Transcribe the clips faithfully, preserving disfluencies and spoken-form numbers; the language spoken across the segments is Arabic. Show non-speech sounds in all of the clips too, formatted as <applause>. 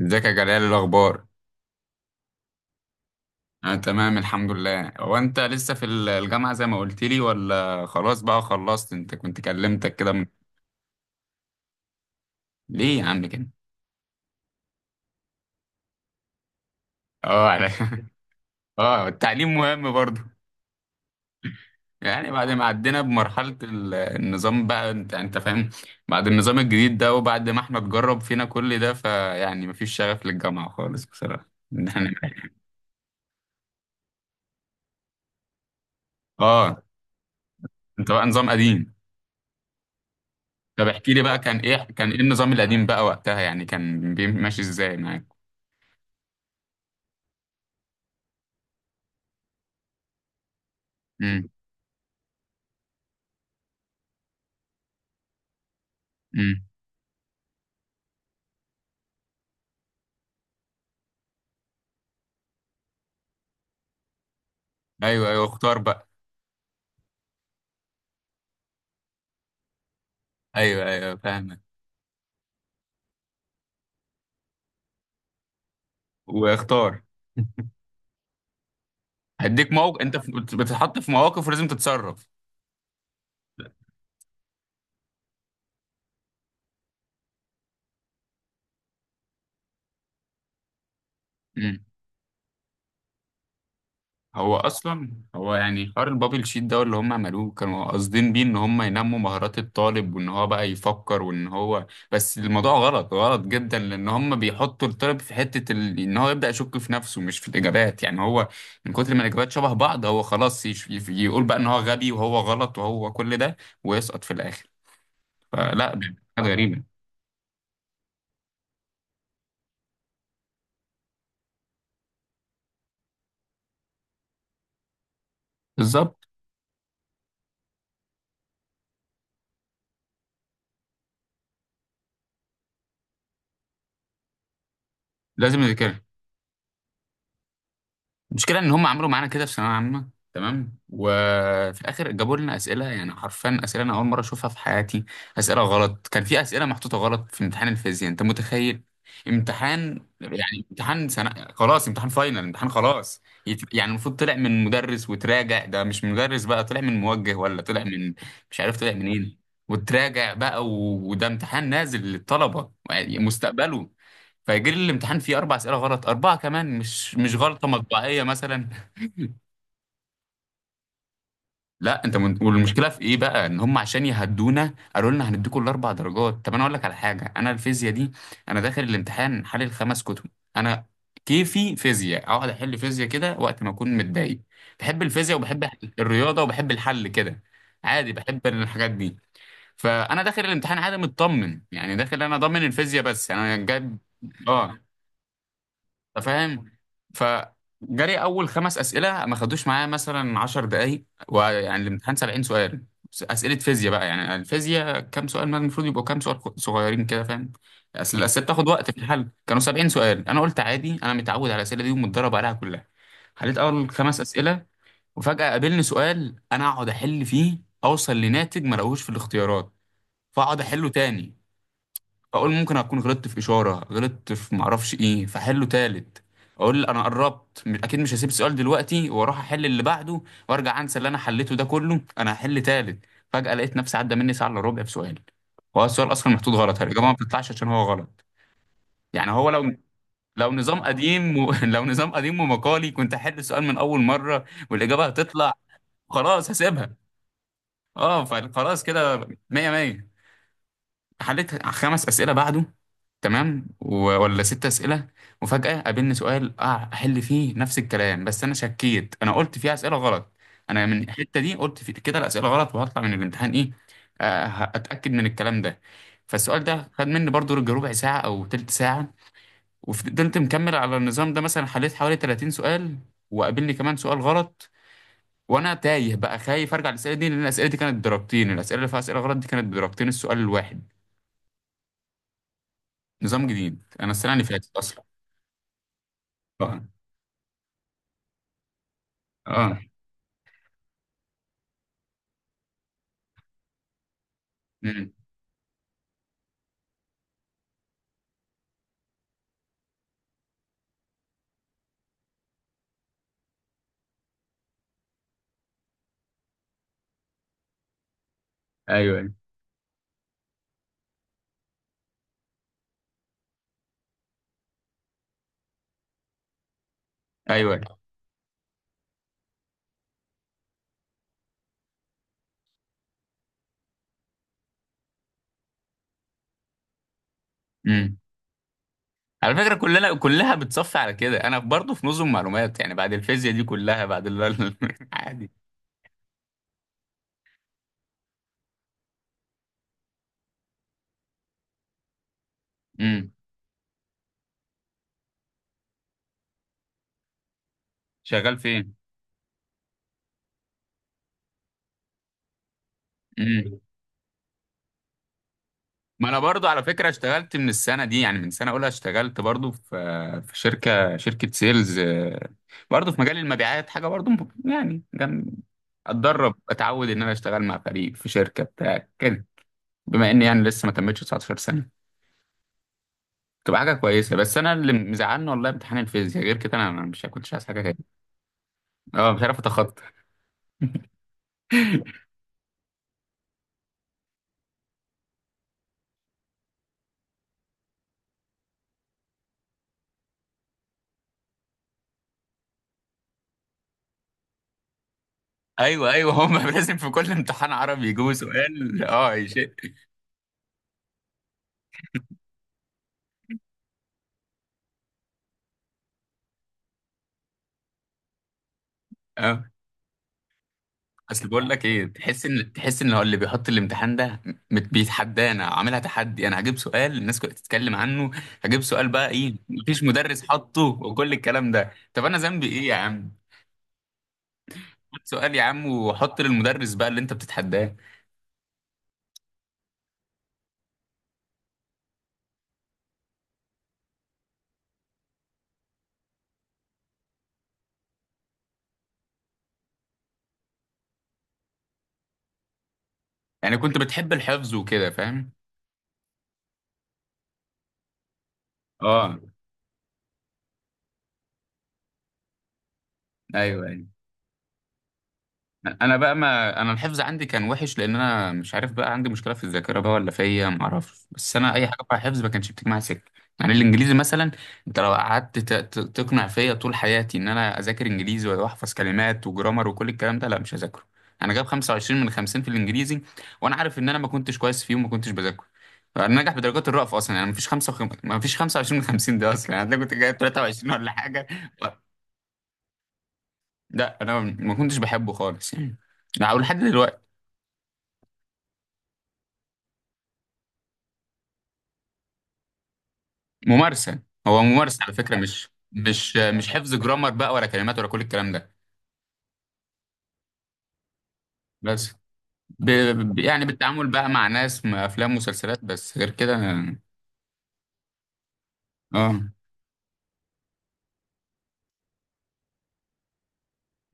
ازيك يا جلال؟ إيه الاخبار؟ انا تمام الحمد لله. هو انت لسه في الجامعه زي ما قلت لي ولا خلاص بقى خلصت؟ انت كنت كلمتك كده من... ليه يا عم كده؟ اه على... <laughs> اه، التعليم مهم برضه. يعني بعد ما عدينا بمرحله ال- النظام بقى انت انت فاهم. بعد النظام الجديد ده وبعد ما احنا اتجرب فينا كل ده فيعني مفيش شغف للجامعه خالص بصراحه <laughs> يعني. اه، انت بقى نظام قديم. طب احكي لي بقى، كان ايه؟ كان ايه النظام القديم بقى وقتها؟ يعني كان بي- ماشي ازاي معاك؟ امم. ايوه ايوه، اختار بقى. ايوه ايوه فاهمك. واختار. هديك موقف. انت في- بتتحط في مواقف ولازم تتصرف. امم. هو اصلا هو يعني حوار البابل شيت ده اللي هم عملوه كانوا قاصدين بيه ان هم ينموا مهارات الطالب وان هو بقى يفكر وان هو، بس الموضوع غلط غلط جدا، لان هم بيحطوا الطالب في حتة ال... ان هو يبدأ يشك في نفسه مش في الاجابات. يعني هو من كتر ما الاجابات شبه بعض هو خلاص يش... يف- يقول بقى ان هو غبي وهو غلط وهو كل ده ويسقط في الاخر. فلا، دي حاجه غريبه. بالظبط. لازم نذاكرها. المشكله ان هم عملوا معانا كده في ثانويه عامه تمام، وفي الاخر جابوا لنا اسئله يعني حرفيا اسئله انا اول مره اشوفها في حياتي. اسئله غلط. كان في اسئله محطوطه غلط في امتحان الفيزياء، انت متخيل؟ امتحان، يعني امتحان سنة، خلاص امتحان فاينل، امتحان خلاص. يت- يعني المفروض طلع من مدرس وتراجع، ده مش مدرس بقى، طلع من موجه ولا طلع من، مش عارف طلع منين، وتراجع بقى، و- وده امتحان نازل للطلبة يعني مستقبله. فيجي لي الامتحان فيه اربع اسئله غلط، اربعه كمان مش مش غلطه مطبعيه مثلا. لا انت من... والمشكله في ايه بقى؟ ان هم عشان يهدونا قالوا لنا هنديكوا الاربع درجات. طب انا اقول لك على حاجه، انا الفيزياء دي انا داخل الامتحان حلل خمس كتب. انا كيفي فيزياء، اقعد احل فيزياء كده وقت ما اكون متضايق. بحب الفيزياء وبحب الرياضه وبحب الحل كده. عادي، بحب الحاجات دي. فانا داخل الامتحان عادي مطمن، يعني داخل انا ضامن الفيزياء بس انا جايب. اه، انت فاهم. فجري اول خمس اسئله ما خدوش معايا مثلا 10 دقائق، ويعني الامتحان سبعين سؤال، اسئله فيزياء بقى. يعني الفيزياء كام سؤال؟ ما المفروض يبقوا كام سؤال صغيرين كده، فاهم؟ اصل الاسئله بتاخد وقت في الحل. كانوا سبعين سؤال، انا قلت عادي انا متعود على الاسئله دي ومتدرب عليها كلها. حليت اول خمس اسئله، وفجاه قابلني سؤال انا اقعد احل فيه اوصل لناتج ما لقوهوش في الاختيارات. فاقعد احله تاني، اقول ممكن اكون غلطت في اشاره، غلطت في معرفش ايه. فحله تالت، اقول انا قربت م- اكيد مش هسيب السؤال دلوقتي واروح احل اللي بعده وارجع انسى اللي انا حليته ده كله. انا هحل تالت. فجاه لقيت نفسي عدى مني ساعه الا ربع بسؤال. هو السؤال اصلا محطوط غلط، الاجابه ما بتطلعش عشان هو غلط. يعني هو لو، لو نظام قديم و... <laughs> لو نظام قديم ومقالي كنت احل السؤال من اول مره والاجابه هتطلع، خلاص هسيبها. اه، فخلاص كده مية مية. حليت خمس اسئله بعده تمام، و- ولا ست اسئله، وفجاه قابلني سؤال اه احل فيه نفس الكلام. بس انا شكيت، انا قلت فيه اسئله غلط. انا من الحته دي قلت في كده الاسئله غلط، وهطلع من الامتحان ايه؟ آه اتاكد من الكلام ده. فالسؤال ده خد مني برضو ربع ساعه او تلت ساعه، وفضلت مكمل على النظام ده. مثلا حليت حوالي تلاتين سؤال وقابلني كمان سؤال غلط، وانا تايه بقى خايف ارجع الاسئله دي، لان الاسئله دي كانت بدرجتين، الاسئله اللي فيها اسئله غلط دي كانت بدرجتين السؤال الواحد. نظام جديد، انا السنه اللي فاتت اصلا. اه، اه. امم. ايوه ايوه ايوه. امم. على فكره كلنا كلها بتصفي على كده. انا برضه في نظم معلومات، يعني بعد الفيزياء دي كلها، بعد ال <laughs> عادي. امم. شغال فين؟ امم. ما انا برضه على فكره اشتغلت من السنه دي، يعني من سنه اولى اشتغلت برضه في، في شركه، شركه سيلز آه، برضه في مجال المبيعات. حاجه برضه م- يعني جنب، اتدرب، اتعود ان انا اشتغل مع فريق في شركه بتاع كده. بما اني يعني لسه ما تمتش تسعتاشر سنه، تبقى حاجه كويسه. بس انا اللي مزعلني والله امتحان الفيزياء، غير كده انا، أنا مش كنتش عايز حاجه تاني. اه، مش عارف اتخطى. <laughs> ايوه ايوه هم <laughs> لازم في كل امتحان عربي يجيبوا سؤال اه يشيء. اه، اصل بقول لك ايه، تحس ان تحس ان هو اللي بيحط الامتحان ده مت- بيتحدانا، عاملها تحدي. انا هجيب سؤال الناس كلها تتكلم عنه، هجيب سؤال بقى ايه، مفيش مدرس حطه وكل الكلام ده. طب انا ذنبي ايه يا عم؟ خد سؤال يا عم وحط للمدرس بقى اللي انت بتتحداه. يعني كنت بتحب الحفظ وكده، فاهم؟ اه، ايوه ايوه. انا بقى، ما انا الحفظ عندي كان وحش لان انا مش عارف بقى، عندي مشكله في الذاكره بقى ولا فيا، ما اعرفش. بس انا اي حاجه بقى حفظ ما كانش بتيجي معايا سكه. يعني الانجليزي مثلا، انت لو قعدت ت- ت- تقنع فيا طول حياتي ان انا اذاكر انجليزي واحفظ كلمات وجرامر وكل الكلام ده، لا مش هذاكره. انا جايب خمسة وعشرين من خمسين في الانجليزي، وانا عارف ان انا ما كنتش كويس فيه وما كنتش بذاكره. انا ناجح بدرجات الرأف اصلا، يعني ما فيش خمسة، ما فيش خمسة وعشرين من خمسين ده اصلا، يعني انا كنت جايب تلاتة وعشرين ولا حاجه. لا انا ما كنتش بحبه خالص يعني. لا، ولحد دلوقتي. ممارسة. هو ممارسة على فكرة، مش مش مش حفظ جرامر بقى ولا كلمات ولا كل الكلام ده. بس ب... ب- يعني بالتعامل بقى مع ناس، مع أفلام ومسلسلات بس، غير كده. اه،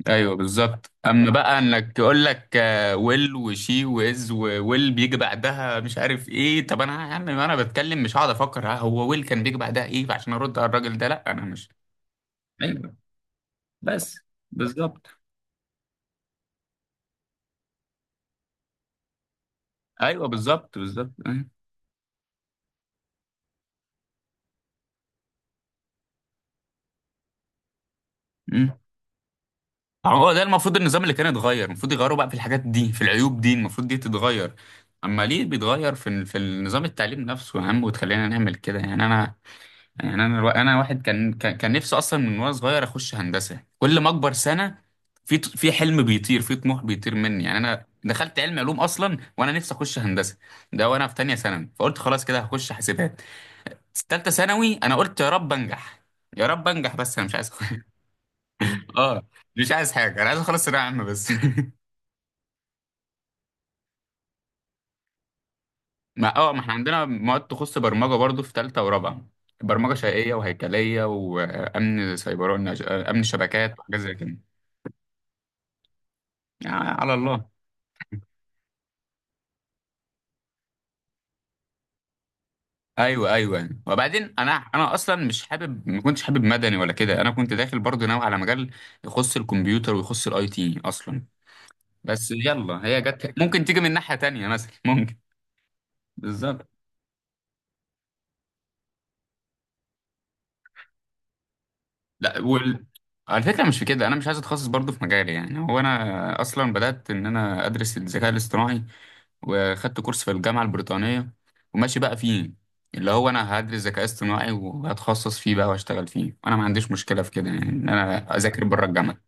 ايوه بالظبط. اما بقى انك يقول لك آه، ويل وشي وإز وويل بيجي بعدها مش عارف ايه، طب انا يا عم انا بتكلم مش هقعد افكر ها هو ويل كان بيجي بعدها ايه عشان ارد على الراجل ده، لا انا مش. ايوه، بس. بالظبط. ايوه بالظبط بالظبط أيوة. هو ده المفروض النظام اللي كان يتغير، المفروض يغيروا بقى في الحاجات دي في العيوب دي، المفروض دي تتغير. اما ليه بيتغير في ال- في النظام التعليم نفسه يا عم وتخلينا نعمل كده؟ يعني انا يعني انا الو- انا واحد كان كان كان نفسي اصلا من وانا صغير اخش هندسه. كل ما اكبر سنه في ط- في حلم بيطير، في طموح بيطير مني. يعني انا دخلت علم علوم اصلا وانا نفسي اخش هندسه. ده وانا في تانية ثانوي، فقلت خلاص كده هخش حاسبات. في تالتة ثانوي انا قلت يا رب انجح، يا رب انجح بس انا مش عايز. <laughs> اه، مش عايز حاجه، انا عايز اخلص ثانويه عامه بس. <laughs> ما اه ما احنا عندنا مواد تخص برمجة برضو في تالتة ورابعة. برمجة شيئية وهيكلية وأمن سيبراني، أمن شبكات وحاجات زي كده. يعني على الله. أيوه أيوه. وبعدين أنا أنا أصلا مش حابب، ما كنتش حابب مدني ولا كده. أنا كنت داخل برضو ناوي على مجال يخص الكمبيوتر ويخص الأي تي أصلا. بس يلا هي جت، ممكن تيجي من ناحية تانية مثلا. <laughs> ممكن. بالظبط. لا وال... على فكرة، مش في كده أنا مش عايز أتخصص برضو في مجالي. يعني هو أنا أصلا بدأت إن أنا أدرس الذكاء الاصطناعي، وخدت كورس في الجامعة البريطانية وماشي بقى فيه، اللي هو انا هدرس ذكاء اصطناعي وهتخصص فيه بقى واشتغل فيه. وانا ما عنديش مشكلة في كده يعني، ان انا اذاكر بره الجامعة.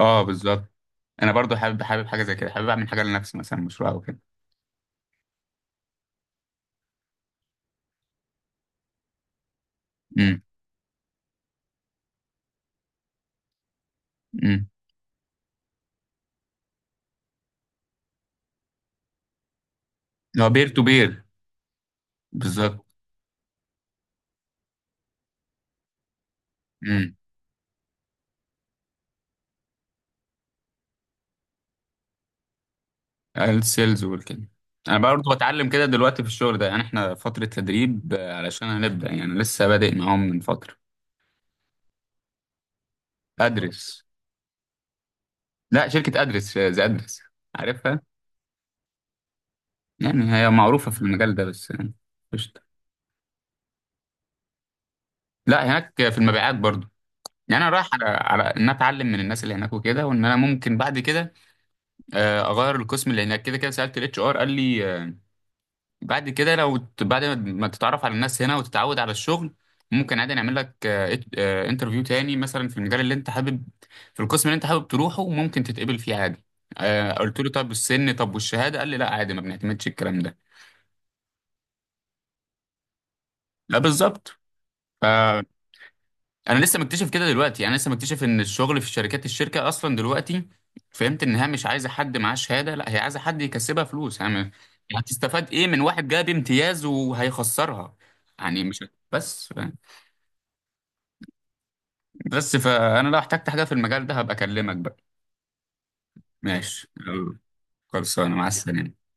اه، بالظبط. انا برضو حابب حابب حاجة زي كده، حابب اعمل حاجة لنفسي مثلا مشروع او كده. امم. امم. هو بير تو بير. بالظبط. امم. السيلز والكده. انا برضو بتعلم كده دلوقتي في الشغل ده، يعني احنا فترة تدريب آه، علشان هنبدأ، يعني لسه بادئ معاهم من فترة. ادرس. لا شركة ادرس آه، زي ادرس، عارفها. يعني هي معروفة في المجال ده بس يعني. قشطة. لا هناك في المبيعات برضو. يعني انا رايح على على ان أنا اتعلم من الناس اللي هناك وكده، وان انا ممكن بعد كده آه، اغير القسم. اللي هناك كده كده، سالت الاتش ار، قال لي آه، بعد كده لو ت- بعد ما ما تتعرف على الناس هنا وتتعود على الشغل، ممكن عادي نعمل لك انترفيو تاني مثلا في المجال اللي انت حابب، في القسم اللي انت حابب تروحه، وممكن تتقبل فيه عادي. آه، قلت له طب السن، طب والشهاده، قال لي لا عادي، ما بنعتمدش الكلام ده. لا بالظبط. انا لسه مكتشف كده دلوقتي، يعني انا لسه مكتشف ان الشغل في الشركات، الشركه اصلا دلوقتي فهمت انها مش عايزه حد معاه شهاده، لا هي عايزه حد يكسبها فلوس يعني، يعني هتستفاد ايه من واحد جاب امتياز وهيخسرها؟ يعني مش. بس بس فانا لو احتجت حاجه في المجال ده هبقى اكلمك بقى. ماشي يلا. خلصانه، مع السلامه.